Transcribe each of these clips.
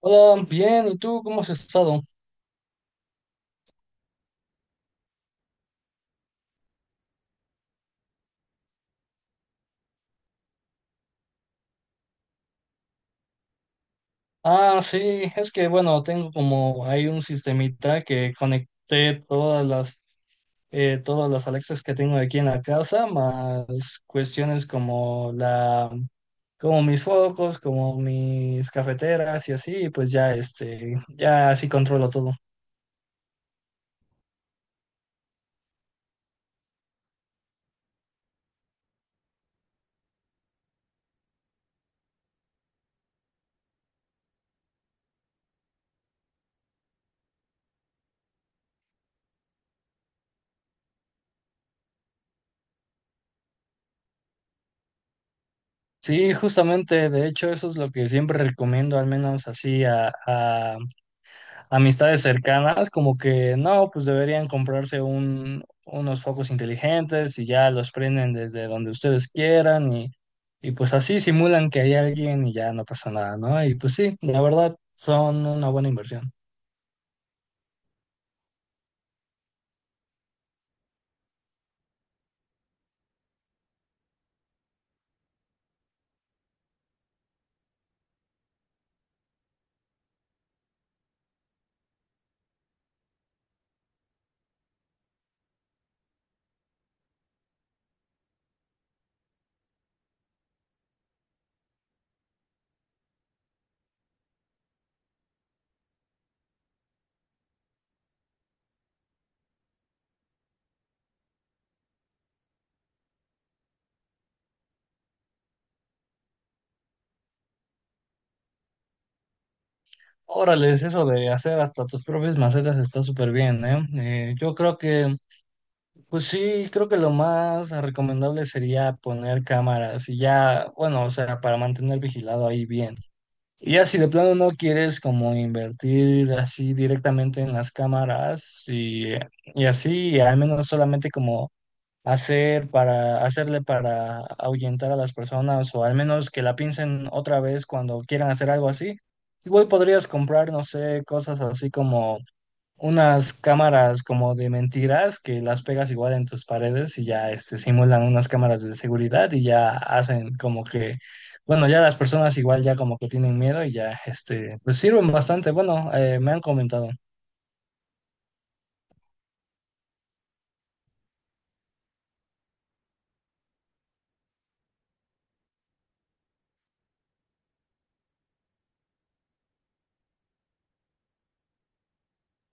Hola, bien, ¿y tú cómo has estado? Ah, sí, es que bueno, tengo como hay un sistemita que conecté todas las Alexas que tengo aquí en la casa, más cuestiones como la como mis focos, como mis cafeteras y así, y pues ya este ya así controlo todo. Sí, justamente, de hecho eso es lo que siempre recomiendo, al menos así a, amistades cercanas, como que no, pues deberían comprarse unos focos inteligentes y ya los prenden desde donde ustedes quieran y pues así simulan que hay alguien y ya no pasa nada, ¿no? Y pues sí, la verdad son una buena inversión. Órale, eso de hacer hasta tus propias macetas está súper bien, ¿eh? Yo creo que, pues sí, creo que lo más recomendable sería poner cámaras y ya, bueno, o sea, para mantener vigilado ahí bien. Y ya si de plano no quieres como invertir así directamente en las cámaras y así, y al menos solamente como hacer para hacerle para ahuyentar a las personas o al menos que la piensen otra vez cuando quieran hacer algo así, igual podrías comprar, no sé, cosas así como unas cámaras como de mentiras que las pegas igual en tus paredes y ya este, simulan unas cámaras de seguridad y ya hacen como que, bueno, ya las personas igual ya como que tienen miedo y ya, este, pues sirven bastante. Bueno, me han comentado.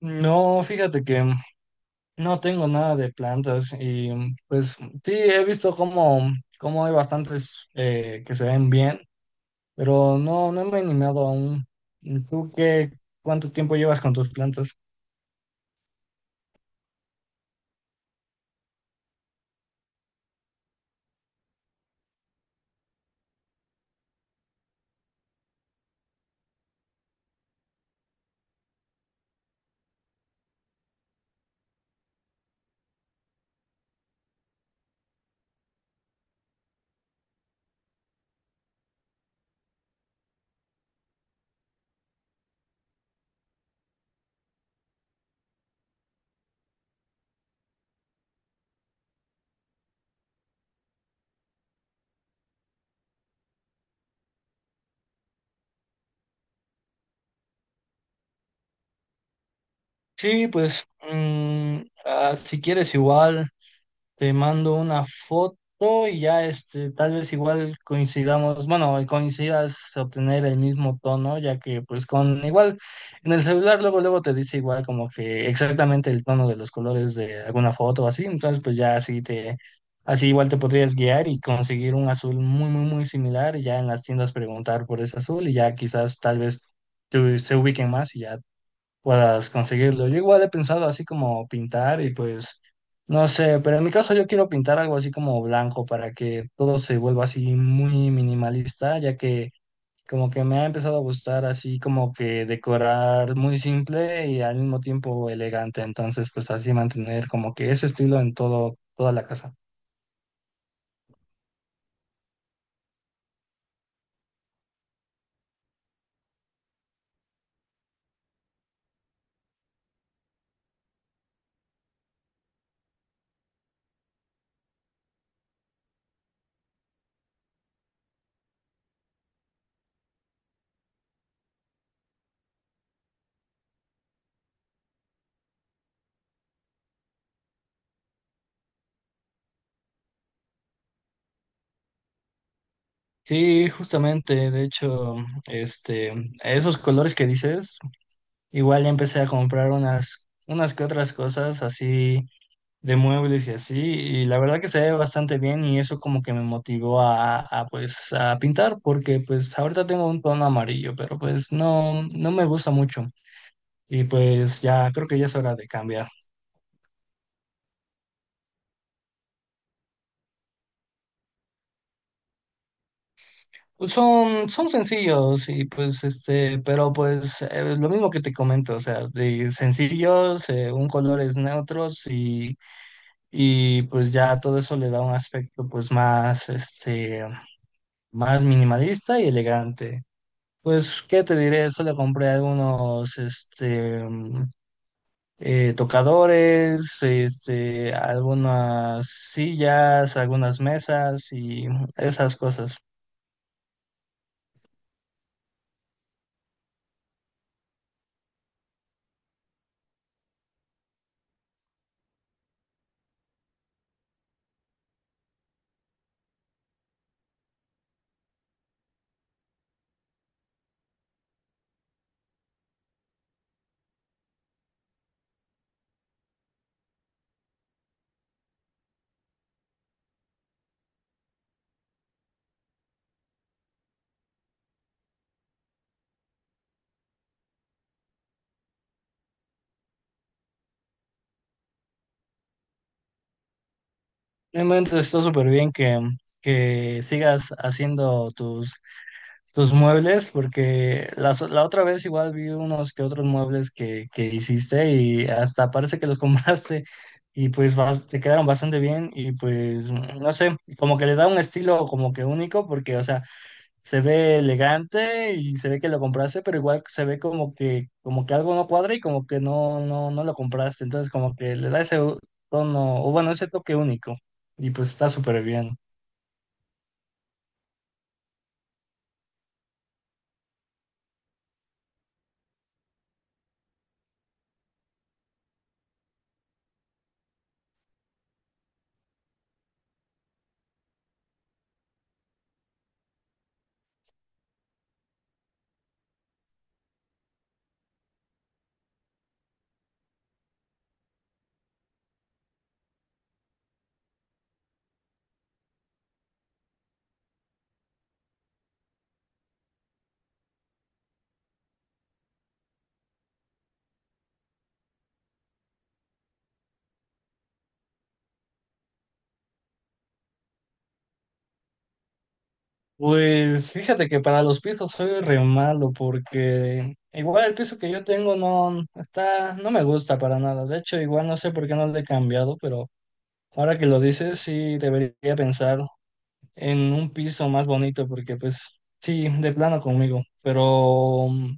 No, fíjate que no tengo nada de plantas y pues sí, he visto como, como hay bastantes que se ven bien, pero no, no me he animado aún. ¿Tú qué, cuánto tiempo llevas con tus plantas? Sí, pues mm, ah, si quieres igual te mando una foto y ya este tal vez igual coincidamos, bueno, coincidas obtener el mismo tono, ya que pues con igual en el celular luego luego te dice igual como que exactamente el tono de los colores de alguna foto o así, entonces pues ya así te así igual te podrías guiar y conseguir un azul muy muy muy similar y ya en las tiendas preguntar por ese azul y ya quizás tal vez tú- se ubiquen más y ya puedas conseguirlo. Yo igual he pensado así como pintar y pues no sé, pero en mi caso yo quiero pintar algo así como blanco para que todo se vuelva así muy minimalista, ya que como que me ha empezado a gustar así como que decorar muy simple y al mismo tiempo elegante, entonces pues así mantener como que ese estilo en todo toda la casa. Sí, justamente, de hecho, este, esos colores que dices, igual ya empecé a comprar unas que otras cosas así de muebles y así, y la verdad que se ve bastante bien y eso como que me motivó pues a pintar porque pues ahorita tengo un tono amarillo, pero pues no, no me gusta mucho y pues ya creo que ya es hora de cambiar. Son sencillos y pues este, pero pues lo mismo que te comento, o sea, de sencillos, un colores neutros y pues ya todo eso le da un aspecto pues más este, más minimalista y elegante. Pues, ¿qué te diré? Solo compré algunos, este, mm, tocadores, este, algunas sillas, algunas mesas y esas cosas. Realmente está súper bien que sigas haciendo tus muebles, porque la, so- la otra vez igual vi unos que otros muebles que hiciste y hasta parece que los compraste y pues bas- te quedaron bastante bien y pues no sé, como que le da un estilo como que único porque, o sea, se ve elegante y se ve que lo compraste, pero igual se ve como que algo no cuadra y como que no, no, no lo compraste, entonces como que le da ese tono, o bueno, ese toque único y pues está súper bien. Pues fíjate que para los pisos soy re malo porque igual el piso que yo tengo no está, no me gusta para nada. De hecho, igual no sé por qué no lo he cambiado, pero ahora que lo dices, sí debería pensar en un piso más bonito porque pues sí, de plano conmigo. Pero mm,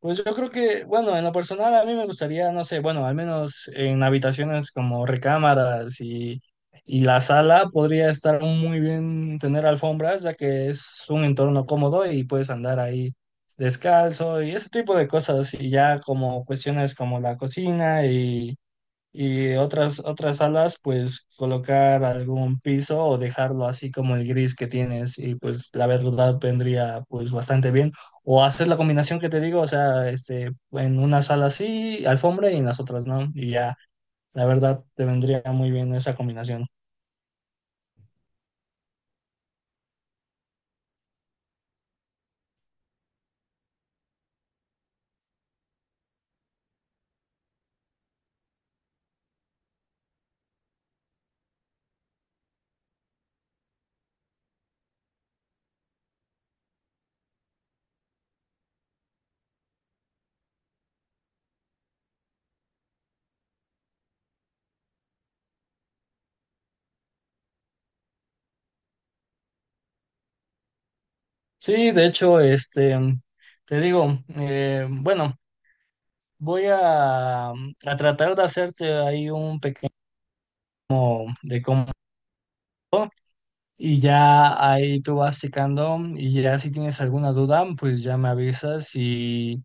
pues yo creo que, bueno, en lo personal a mí me gustaría, no sé, bueno, al menos en habitaciones como recámaras y la sala podría estar muy bien tener alfombras, ya que es un entorno cómodo y puedes andar ahí descalzo y ese tipo de cosas. Y ya como cuestiones como la cocina y otras salas, pues colocar algún piso o dejarlo así como el gris que tienes y pues la verdad vendría pues bastante bien. O hacer la combinación que te digo, o sea, este, en una sala sí, alfombra y en las otras no. Y ya, la verdad te vendría muy bien esa combinación. Sí, de hecho, este, te digo, bueno, voy a tratar de hacerte ahí un pequeño de cómo Y ya ahí tú vas secando y ya si tienes alguna duda, pues ya me avisas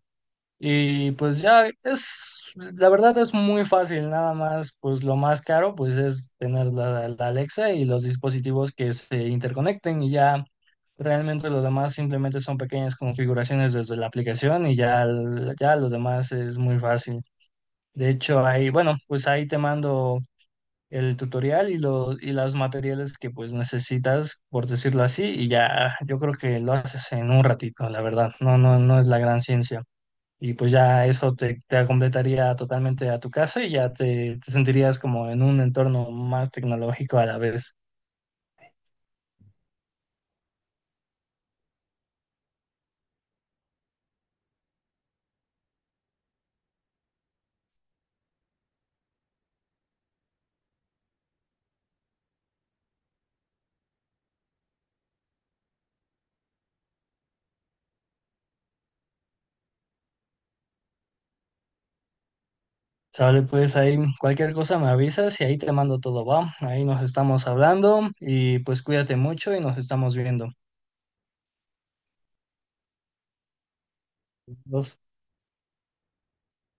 y pues ya es, la verdad es muy fácil, nada más, pues lo más caro pues es tener la Alexa y los dispositivos que se interconecten y ya realmente lo demás simplemente son pequeñas configuraciones desde la aplicación ya lo demás es muy fácil. De hecho, ahí, bueno, pues ahí te mando el tutorial y los materiales que pues necesitas, por decirlo así, y ya yo creo que lo haces en un ratito, la verdad, no es la gran ciencia. Y pues ya eso te completaría totalmente a tu casa y ya te sentirías como en un entorno más tecnológico a la vez. Sale, pues ahí cualquier cosa me avisas y ahí te mando todo, va. Ahí nos estamos hablando y pues cuídate mucho y nos estamos viendo. Nos-